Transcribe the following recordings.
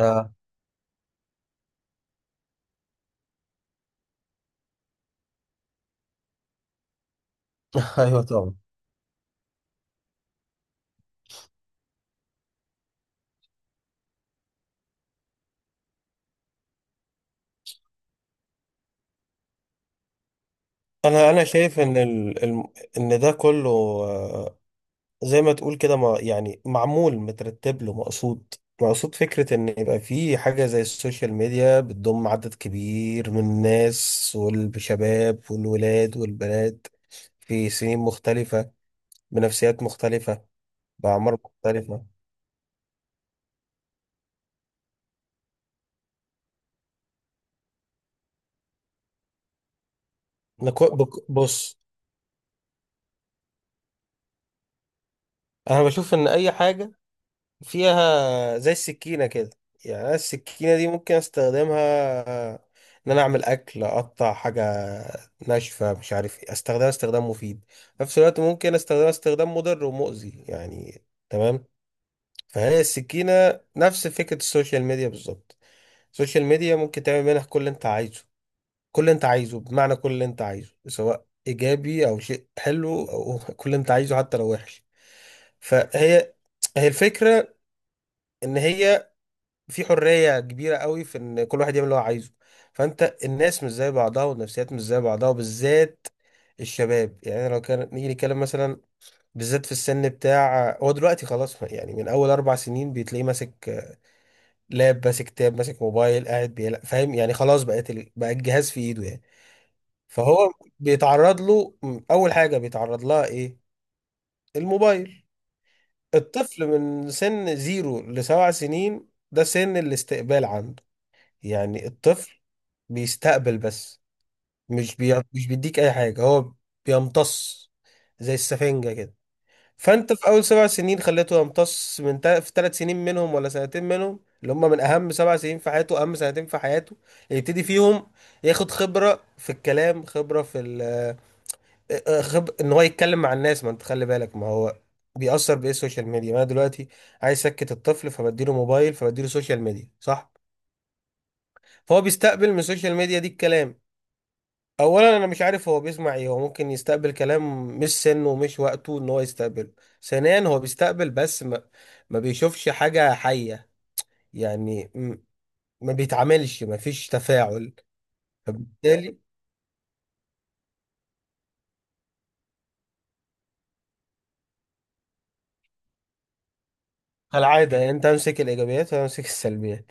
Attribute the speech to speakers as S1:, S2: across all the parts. S1: آه. ايوه طبعا. انا شايف ان ان ده كله، آه، زي ما تقول كده، ما يعني معمول مترتب له مقصود. فكرة ان يبقى في حاجة زي السوشيال ميديا بتضم عدد كبير من الناس والشباب والولاد والبنات في سنين مختلفة، بنفسيات مختلفة، بأعمار مختلفة. بص، انا بشوف ان اي حاجة فيها زي السكينة كده. يعني أنا السكينة دي ممكن استخدمها ان انا اعمل اكل، اقطع حاجة ناشفة، مش عارف ايه، استخدمها استخدام مفيد، في نفس الوقت ممكن استخدمها استخدام مضر ومؤذي يعني. تمام. فهي السكينة نفس فكرة السوشيال ميديا بالظبط. السوشيال ميديا ممكن تعمل منها كل اللي انت عايزه. كل اللي انت عايزه، بمعنى كل اللي انت عايزه سواء ايجابي او شيء حلو او كل اللي انت عايزه حتى لو وحش. فهي هي الفكرة ان هي في حرية كبيرة قوي في ان كل واحد يعمل اللي هو عايزه. فانت الناس مش زي بعضها، والنفسيات مش زي بعضها، وبالذات الشباب. يعني لو كان نيجي نتكلم مثلا، بالذات في السن بتاع هو دلوقتي خلاص، يعني من اول 4 سنين بتلاقيه ماسك لاب، ماسك تاب، ماسك موبايل، قاعد بيلعب، فاهم؟ يعني خلاص بقت بقى الجهاز في ايده يعني. فهو بيتعرض له. اول حاجة بيتعرض لها ايه؟ الموبايل. الطفل من سن زيرو لسبع سنين ده سن الاستقبال عنده. يعني الطفل بيستقبل بس. مش بيديك اي حاجه، هو بيمتص زي السفنجه كده. فانت في اول 7 سنين خليته يمتص في 3 سنين منهم ولا سنتين منهم، اللي هم من اهم 7 سنين في حياته، اهم سنتين في حياته يبتدي فيهم ياخد خبره في الكلام، خبره في ال... آه، آه، خب... ان هو يتكلم مع الناس. ما انت خلي بالك، ما هو بيأثر بإيه؟ السوشيال ميديا. ما أنا دلوقتي عايز أسكت الطفل، فبديله موبايل، فبديله سوشيال ميديا، صح؟ فهو بيستقبل من السوشيال ميديا دي الكلام. اولا انا مش عارف هو بيسمع ايه، هو ممكن يستقبل كلام مش سنه ومش وقته ان هو يستقبله. ثانيا هو بيستقبل بس، ما بيشوفش حاجة حية. يعني م- ما بيتعاملش، ما فيش تفاعل. فبالتالي كالعادة يعني انت امسك الايجابيات وانا امسك السلبيات.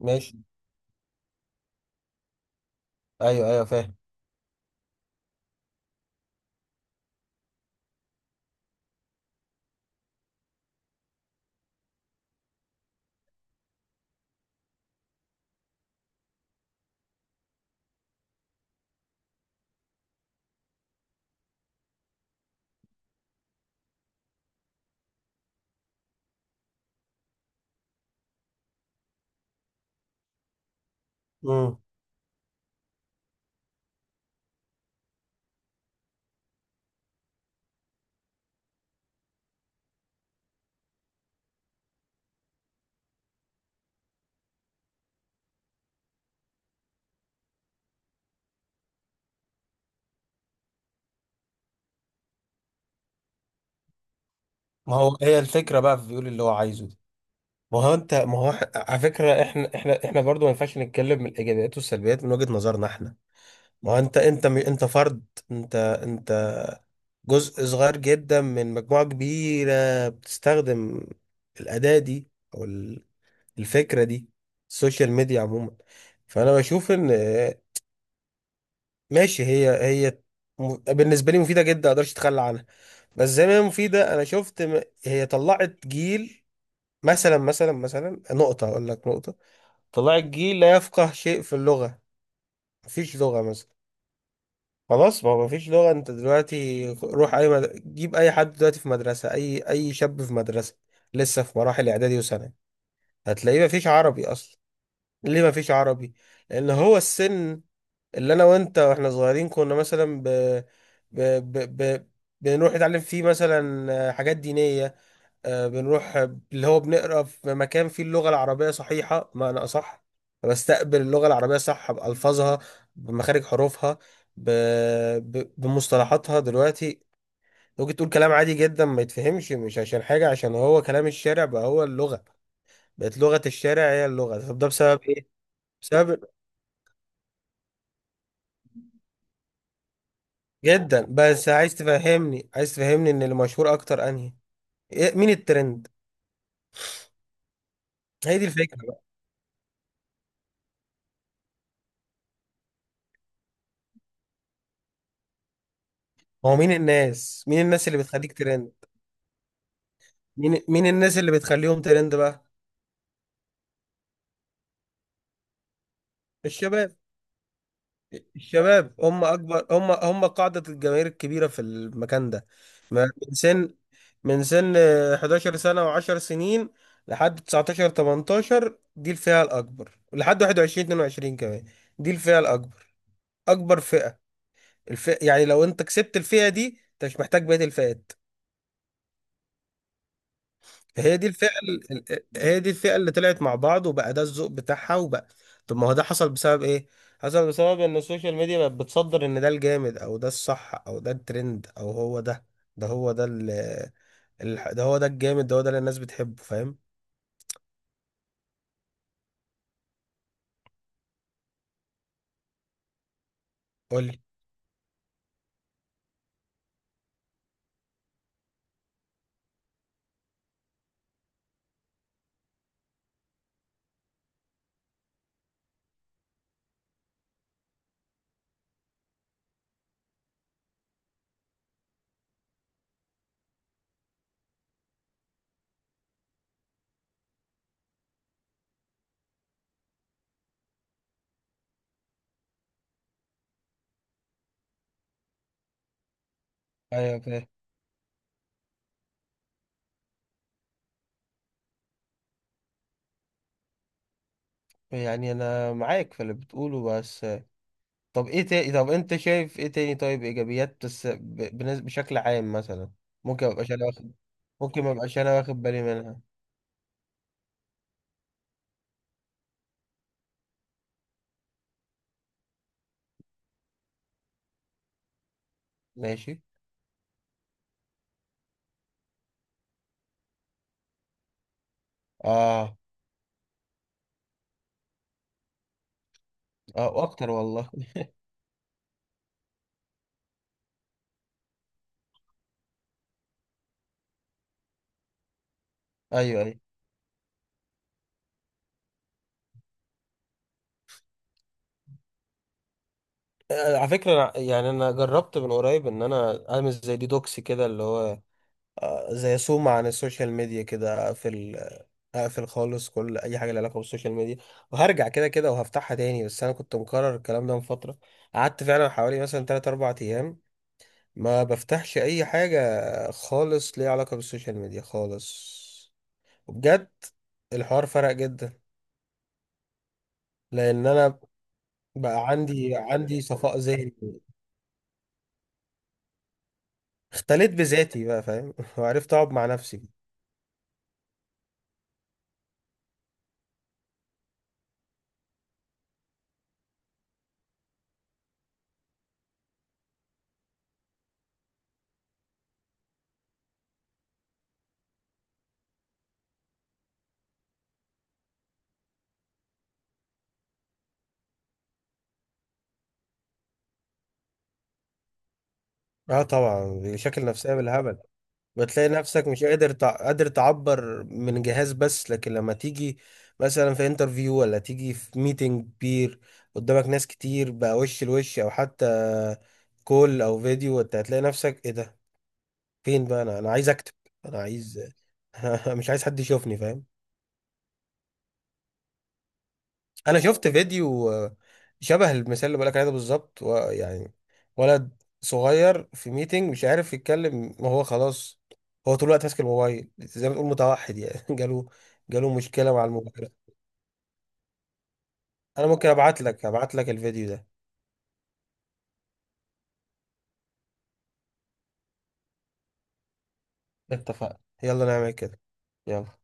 S1: ماشي. ايوه، ايوه، فاهم. امم. ما هو هي الفكرة بقى في بيقول اللي هو عايزه دي. ما هو انت، ما هو على فكرة، احنا برضو ما ينفعش نتكلم من الايجابيات والسلبيات من وجهة نظرنا احنا. ما هو انت، انت فرد. انت جزء صغير جدا من مجموعة كبيرة بتستخدم الأداة دي، أو ال- الفكرة دي، السوشيال ميديا عموما. فأنا بشوف إن آه، ماشي. هي بالنسبة لي مفيدة جدا، مقدرش أتخلى عنها. بس زي ما هي مفيدة، أنا شفت هي طلعت جيل. مثلا نقطة أقول لك، نقطة، طلعت جيل لا يفقه شيء في اللغة. مفيش لغة مثلا، خلاص. ما هو مفيش لغة. انت دلوقتي روح اي جيب اي حد دلوقتي في مدرسة، اي شاب في مدرسة لسه في مراحل اعدادي وثانوي، هتلاقيه مفيش عربي اصلا. ليه مفيش عربي؟ لان هو السن اللي انا وانت واحنا صغيرين كنا مثلا ب... ب... ب... بنروح نتعلم فيه مثلا حاجات دينية، بنروح، اللي هو بنقرا في مكان فيه اللغة العربية صحيحة، معنى أصح بستقبل اللغة العربية صح، بألفاظها، بمخارج حروفها، ب... بمصطلحاتها. دلوقتي ممكن تقول كلام عادي جدا ما يتفهمش، مش عشان حاجة، عشان هو كلام الشارع بقى، هو اللغة بقت لغة الشارع، هي اللغة. طب ده بسبب إيه؟ بسبب جدا. بس عايز تفهمني، عايز تفهمني إن اللي مشهور أكتر أنهي؟ مين الترند؟ هي دي الفكرة بقى. هو مين الناس؟ مين الناس اللي بتخليك ترند؟ مين الناس اللي بتخليهم ترند بقى؟ الشباب. الشباب هم هم قاعدة الجماهير الكبيرة في المكان ده. ما- من سن من سن 11 سنة و10 سنين لحد 19 18، دي الفئة الأكبر، لحد 21 22 كمان. دي الفئة الأكبر، أكبر فئة، الفئة. يعني لو أنت كسبت الفئة دي، أنت مش محتاج بقية الفئات. هي دي الفئة هي دي الفئة اللي طلعت مع بعض، وبقى ده الذوق بتاعها وبقى. طب ما هو ده حصل بسبب ايه؟ حصل بسبب ان السوشيال ميديا بقت بتصدر ان ده الجامد، او ده الصح، او ده الترند، او هو ده. ده هو ده ال ده هو ده الجامد، ده هو ده اللي الناس بتحبه، فاهم؟ قولي. ايوه فاهم، يعني انا معاك في اللي بتقوله، بس طب ايه تاني؟ طب انت شايف ايه تاني؟ طيب ايجابيات بس، بشكل عام مثلا. ممكن ما ابقاش انا واخد ممكن ما ابقاش انا واخد بالي منها. ماشي. اه. اه، واكتر والله. ايوه ايوه. آه، على فكرة يعني أنا جربت من قريب إن أنا أعمل زي ديتوكس كده، اللي هو زي صوم عن السوشيال ميديا كده. أقفل، أقفل خالص كل أي حاجة لها علاقة بالسوشيال ميديا، وهرجع كده كده وهفتحها تاني. بس أنا كنت مكرر الكلام ده من فترة. قعدت فعلا حوالي مثلا 3 أربع أيام ما بفتحش أي حاجة خالص ليها علاقة بالسوشيال ميديا خالص. وبجد الحوار فرق جدا، لأن أنا بقى عندي صفاء ذهني، اختليت بذاتي بقى، فاهم؟ وعرفت اقعد مع نفسي. اه طبعا. بشكل نفسية بالهبل. بتلاقي نفسك مش قادر تعبر من جهاز بس، لكن لما تيجي مثلا في انترفيو، ولا تيجي في ميتنج كبير قدامك ناس كتير بقى، وش لوش، او حتى كول او فيديو، انت هتلاقي نفسك ايه ده، فين بقى؟ انا عايز اكتب، انا عايز مش عايز حد يشوفني، فاهم؟ انا شفت فيديو، شبه المثال اللي بقولك عليه ده بالظبط، ويعني ولد صغير في ميتنج مش عارف يتكلم. ما هو خلاص، هو طول الوقت ماسك الموبايل، زي ما تقول متوحد يعني. جاله مشكلة مع الموبايل. انا ممكن ابعت لك الفيديو ده. اتفقنا، يلا نعمل كده. يلا.